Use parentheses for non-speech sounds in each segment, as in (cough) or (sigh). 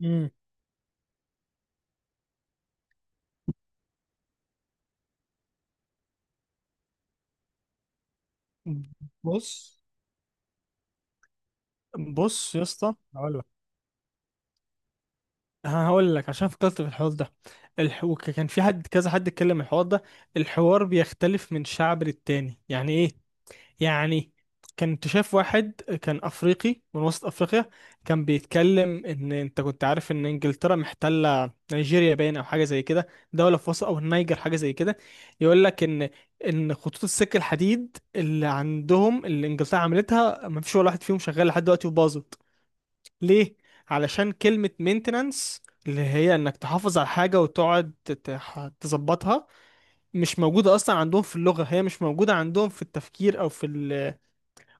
مم. بص بص يا اسطى هقول لك. عشان فكرت في الحوار ده. كان في حد، كذا حد اتكلم الحوار ده. الحوار بيختلف من شعب للتاني. يعني ايه؟ يعني كنت شايف واحد كان افريقي من وسط افريقيا، كان بيتكلم ان انت كنت عارف ان انجلترا محتله نيجيريا، باين او حاجه زي كده، دوله في وسط، او النيجر حاجه زي كده. يقول لك ان خطوط السكه الحديد اللي عندهم، اللي انجلترا عملتها، ما فيش ولا واحد فيهم شغال لحد دلوقتي وباظت. ليه؟ علشان كلمه مينتنانس، اللي هي انك تحافظ على حاجه وتقعد تظبطها، مش موجوده اصلا عندهم في اللغه. هي مش موجوده عندهم في التفكير او في ال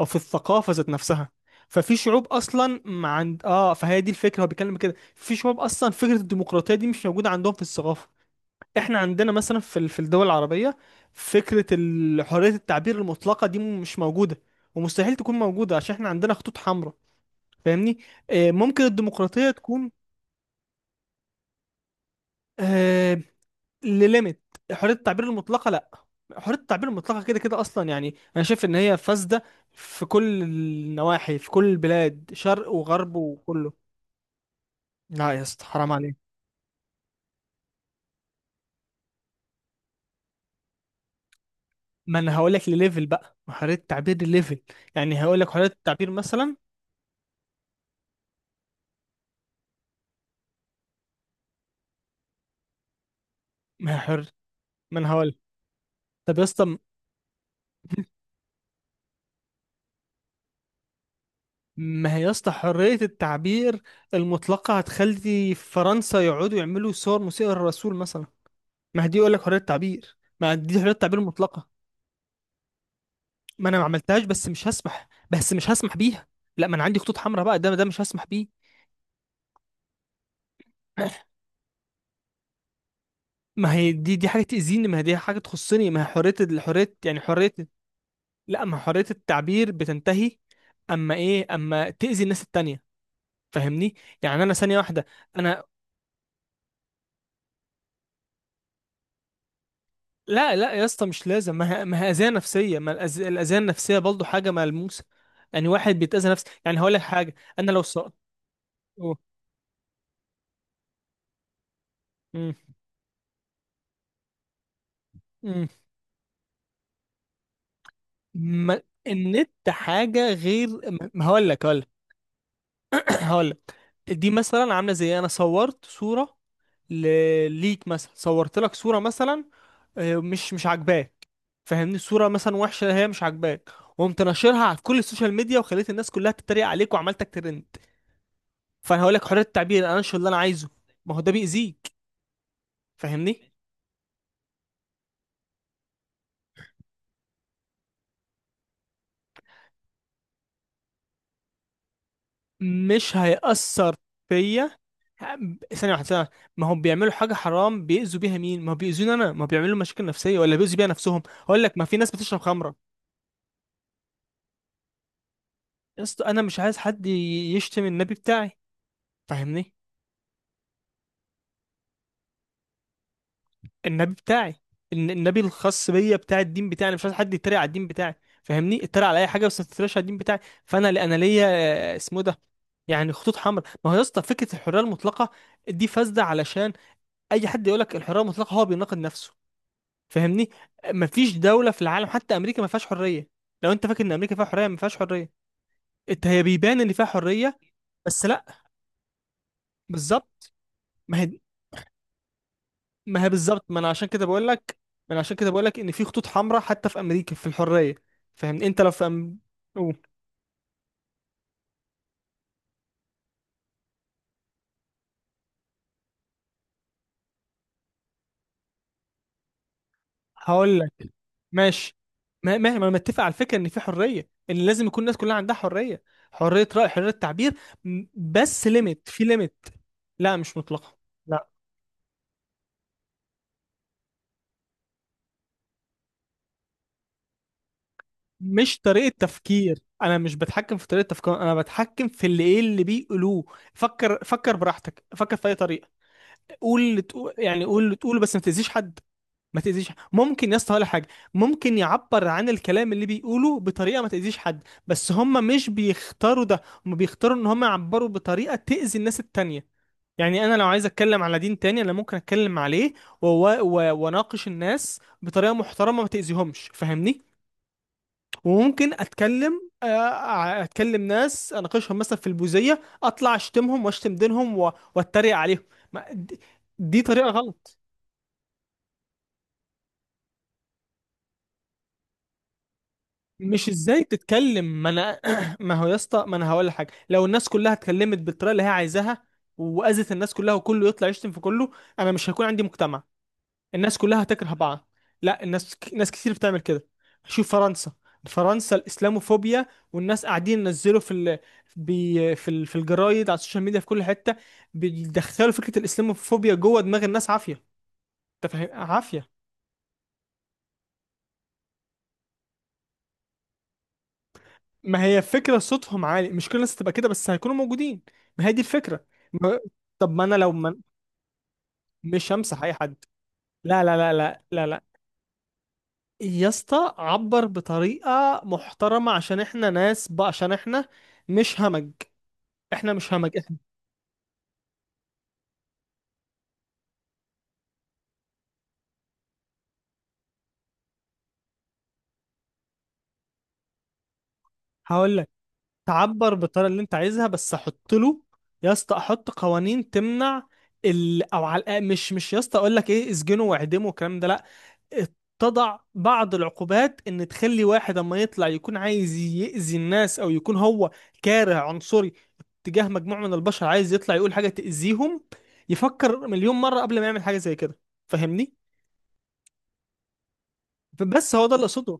او في الثقافه ذات نفسها. ففي شعوب اصلا ما عند، اه، فهي دي الفكره، هو بيتكلم كده، في شعوب اصلا فكره الديمقراطيه دي مش موجوده عندهم في الثقافه. احنا عندنا مثلا في في الدول العربيه فكره حريه التعبير المطلقه دي مش موجوده، ومستحيل تكون موجوده، عشان احنا عندنا خطوط حمراء. فاهمني؟ آه، ممكن الديمقراطيه تكون، آه، لليميت. حريه التعبير المطلقه لا. حريه التعبير المطلقه كده كده اصلا يعني انا شايف ان هي فاسده في كل النواحي، في كل البلاد، شرق وغرب وكله. لا يا اسطى، حرام عليك. ما انا هقول لك لليفل بقى، ما حريه التعبير لليفل. يعني هقول لك حريه التعبير مثلا. ما هي حر. ما انا هقول طب يا اسطى، ما هي يا اسطى حريه التعبير المطلقه هتخلي فرنسا يقعدوا يعملوا صور مسيئه للرسول مثلا. ما هي دي يقول لك حريه تعبير، ما دي حريه تعبير مطلقه. ما انا ما عملتهاش، بس مش هسمح، بيها. لا ما انا عندي خطوط حمراء بقى، ده مش هسمح بيه. (clears throat) ما هي دي، حاجه تاذيني، ما هي دي حاجه تخصني، ما هي حريه، الحريه يعني حريه. لا، ما حريه التعبير بتنتهي اما ايه، اما تاذي الناس التانية. فاهمني؟ يعني انا ثانيه واحده. انا لا لا يا اسطى، مش لازم. ما هي، ما هي اذيه نفسيه. ما الاذيه النفسيه برضه حاجه ملموسه. يعني واحد بيتاذى نفسه، يعني هقول لك حاجه، انا لو سقطت. ما النت حاجة غير، ما هقول لك، هقول لك. (clears throat) دي مثلا عاملة زي انا صورت صورة ل... ليك مثلا، صورت لك صورة مثلا، مش عاجباك. فاهمني؟ الصورة مثلا وحشة، هي مش عاجباك، وقمت ناشرها على كل السوشيال ميديا وخليت الناس كلها تتريق عليك وعملتك ترند. فانا هقول لك حرية التعبير، انا انشر اللي انا عايزه. ما هو ده بيأذيك. فاهمني؟ مش هيأثر فيا. ثانية واحدة، ثانية واحدة. ما هم بيعملوا حاجة حرام بيأذوا بيها مين؟ ما هو بيأذوني أنا، ما هو بيعملوا مشاكل نفسية، ولا بيأذوا بيها نفسهم؟ أقول لك، ما في ناس بتشرب خمرة. يا اسطى أنا مش عايز حد يشتم النبي بتاعي. فاهمني؟ النبي بتاعي، النبي الخاص بيا، بتاع الدين بتاعي. أنا مش عايز حد يتريق على الدين بتاعي. فاهمني؟ اتريق على أي حاجة، بس ما تتريقش على الدين بتاعي. فأنا، أنا ليا، اسمه إيه ده، يعني خطوط حمراء. ما هو يا اسطى فكرة الحرية المطلقة دي فاسدة، علشان أي حد يقول لك الحرية المطلقة هو بيناقض نفسه. فاهمني؟ مفيش دولة في العالم، حتى أمريكا، ما فيهاش حرية. لو أنت فاكر إن أمريكا فيها حرية، ما فيهاش حرية. أنت هي بيبان إن فيها حرية، بس لأ. بالظبط، ما هي ما هي بالظبط، ما أنا عشان كده بقول لك، ما أنا عشان كده بقول لك إن في خطوط حمراء حتى في أمريكا في الحرية. فاهمني؟ أنت لو في أم... أوه. هقول لك ماشي، ما ما ما أنا متفق على الفكرة، إن في حرية، إن لازم يكون الناس كلها عندها حرية، حرية رأي، حرية تعبير. بس ليميت، في ليميت. لا، مش مطلقة. لا، مش طريقة تفكير، انا مش بتحكم في طريقة تفكير، انا بتحكم في اللي، ايه، اللي بيقولوه. فكر، فكر براحتك، فكر في اي طريقة. قول اللي تقول، يعني قول اللي تقوله، بس ما تأذيش حد. ما تأذيش حد. ممكن يا اسطى، ولا حاجة. ممكن يعبر عن الكلام اللي بيقوله بطريقة ما تأذيش حد، بس هم مش بيختاروا ده، هم بيختاروا ان هم يعبروا بطريقة تأذي الناس التانية. يعني انا لو عايز اتكلم على دين تاني انا ممكن اتكلم عليه واناقش الناس بطريقة محترمة ما تأذيهمش. فاهمني؟ وممكن اتكلم، اتكلم ناس اناقشهم مثلا في البوذيه، اطلع اشتمهم واشتم دينهم واتريق عليهم. ما دي، دي طريقه غلط. مش ازاي تتكلم، ما انا (clears throat) ما هو يا اسطى ما انا هقول لك حاجه، لو الناس كلها اتكلمت بالطريقه اللي هي عايزاها، واذت الناس كلها، وكله يطلع يشتم في كله، انا مش هيكون عندي مجتمع. الناس كلها هتكره بعض. لا، الناس، ناس كتير بتعمل كده. شوف فرنسا، فرنسا الاسلاموفوبيا. والناس قاعدين ينزلوا في ال... بي... في ال... في الجرايد، على السوشيال ميديا، في كل حته. بيدخلوا فكره الاسلاموفوبيا جوه دماغ الناس عافيه. انت فاهم؟ عافيه. ما هي فكره صوتهم عالي، مش كل الناس تبقى كده بس هيكونوا موجودين. ما هي دي الفكره. ما... طب ما انا لو ما... مش همسح اي حد. لا لا لا لا لا لا يا اسطى، عبر بطريقه محترمه عشان احنا ناس بقى، عشان احنا مش همج، احنا مش همج. احنا هقول لك، تعبر بالطريقه اللي انت عايزها، بس احط له، يا اسطى احط قوانين تمنع ال... او على الأقل، مش مش يا اسطى اقول لك ايه اسجنه واعدمه والكلام ده، لا. تضع بعض العقوبات ان تخلي واحد اما يطلع يكون عايز يأذي الناس، او يكون هو كاره عنصري تجاه مجموعه من البشر، عايز يطلع يقول حاجه تأذيهم، يفكر مليون مره قبل ما يعمل حاجه زي كده. فاهمني؟ بس هو ده اللي اقصده.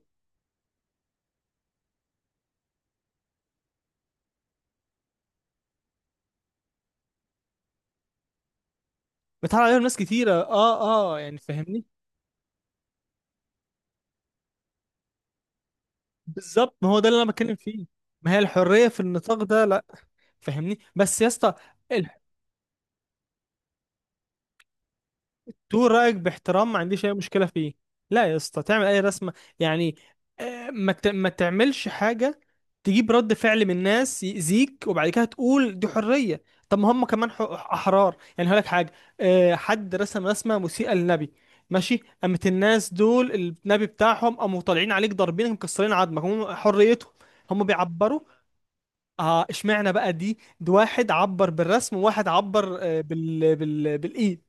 بيتعرض عليهم ناس كتيره، اه اه، يعني فاهمني. بالظبط، ما هو ده اللي انا بتكلم فيه. ما هي الحريه في النطاق ده لا. فهمني بس يا اسطى. ال- تقول رايك باحترام، ما عنديش اي مشكله فيه. لا يا اسطى، تعمل اي رسمه يعني، ما ما تعملش حاجه تجيب رد فعل من الناس يأذيك، وبعد كده تقول دي حريه. طب ما هم كمان احرار. يعني هقول لك حاجه، حد رسم رسمه مسيئه للنبي، ماشي، قامت الناس دول النبي بتاعهم قاموا طالعين عليك ضاربينك مكسرين عظمك، هم حريتهم، هم بيعبروا. اه اشمعنى بقى دي، ده واحد عبر بالرسم، وواحد عبر، بالايد.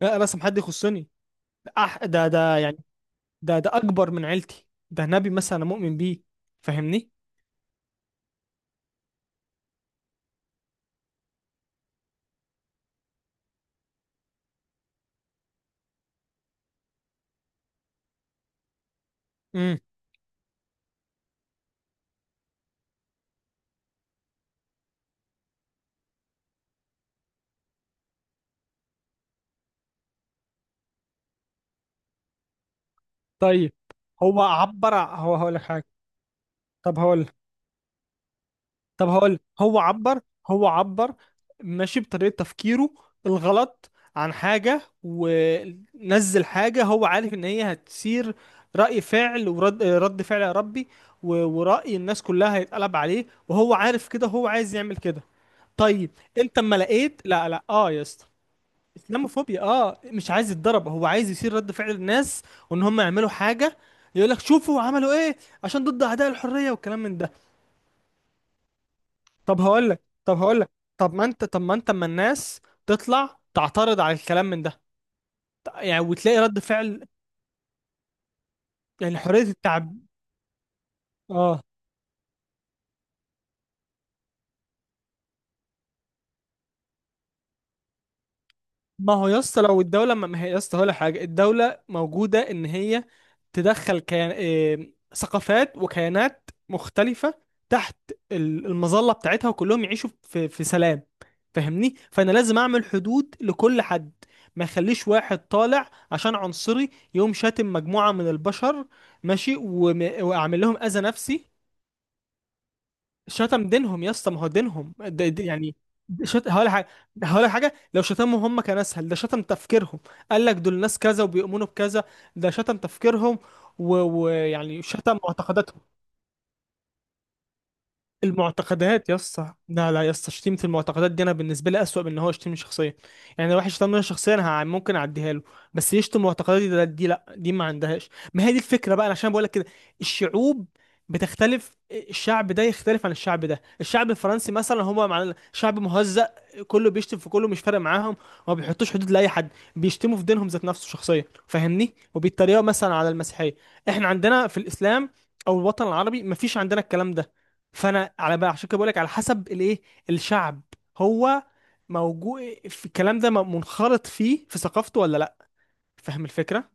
لا رسم حد يخصني. أح... ده ده يعني، ده ده اكبر من عيلتي، ده نبي مثلا أنا مؤمن بيه. فاهمني؟ امم. طيب. هو عبر، هو هقول لك حاجه، طب هقول طب هقول هو عبر، هو عبر ماشي بطريقة تفكيره الغلط، عن حاجة ونزل حاجة هو عارف ان هي هتثير رأي فعل، ورد، فعل يا ربي، ورأي الناس كلها هيتقلب عليه، وهو عارف كده، هو عايز يعمل كده. طيب. انت اما لقيت لا لا، اه يا اسطى، اسلاموفوبيا. اه، مش عايز يتضرب، هو عايز يثير رد فعل الناس، وان هم يعملوا حاجة، يقول لك شوفوا عملوا ايه، عشان ضد اعداء الحرية والكلام من ده. طب هقول لك طب ما انت، اما الناس تطلع تعترض على الكلام من ده يعني، وتلاقي رد فعل. يعني حرية التعب، آه. ما هو يا اسطى لو الدولة، ما ما هي يا اسطى هقول لك حاجة، الدولة موجودة إن هي تدخل كيان... إيه... ثقافات وكيانات مختلفة تحت المظلة بتاعتها، وكلهم يعيشوا في في سلام. فاهمني؟ فأنا لازم أعمل حدود لكل حد، ما يخليش واحد طالع عشان عنصري يقوم شاتم مجموعة من البشر، ماشي، وأعمل لهم أذى نفسي. شتم دينهم يا اسطى، ما هو دينهم ده ده يعني، ده شت... هقول لك حاجه، لو شتمهم هم كان اسهل، ده شتم تفكيرهم. قال لك دول ناس كذا وبيؤمنوا بكذا، ده شتم تفكيرهم، ويعني و... ويعني شتم معتقداتهم. المعتقدات يا اسطى لا، لا يا اسطى، شتيمة المعتقدات دي انا بالنسبه لي اسوأ من ان هو يشتمني شخصيا. يعني لو واحد شتمني شخصيا انا ممكن اعديها له، بس يشتم معتقداتي ده، دي لا، دي ما عندهاش. ما هي دي الفكره بقى، أنا عشان بقول لك كده، الشعوب بتختلف، الشعب ده يختلف عن الشعب ده. الشعب الفرنسي مثلا هما مع شعب مهزأ، كله بيشتم في كله، مش فارق معاهم، وما بيحطوش حدود لاي حد، بيشتموا في دينهم ذات نفسه شخصيا. فاهمني؟ وبيتريقوا مثلا على المسيحيه. احنا عندنا في الاسلام، او الوطن العربي، مفيش عندنا الكلام ده. فانا على بقى عشان كده بقول لك على حسب الايه، الشعب هو موجود في الكلام ده، منخرط فيه في ثقافته ولا لا. فاهم الفكره؟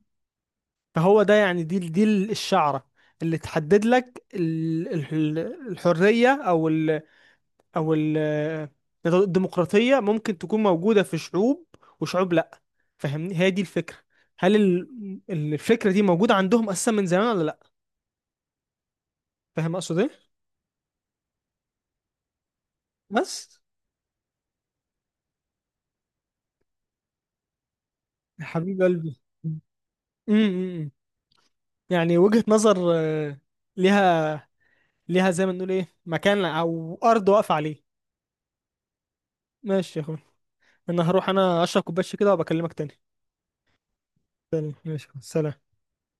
فهو ده يعني، دي دي الشعره اللي تحدد لك ال- الحريه، او ال او ال الديمقراطيه ممكن تكون موجوده في شعوب، وشعوب لا. فاهمني؟ هي دي الفكره. هل الفكره دي موجوده عندهم اساسا من زمان ولا لا. فاهم اقصد ايه؟ بس يا حبيب قلبي، امم. يعني وجهة نظر، ليها، زي ما نقول، ايه، مكان او ارض واقفة عليه. ماشي يا اخويا. انا هروح انا اشرب كوبايه كده وبكلمك تاني. تاني، ماشي يا أخويا، سلام.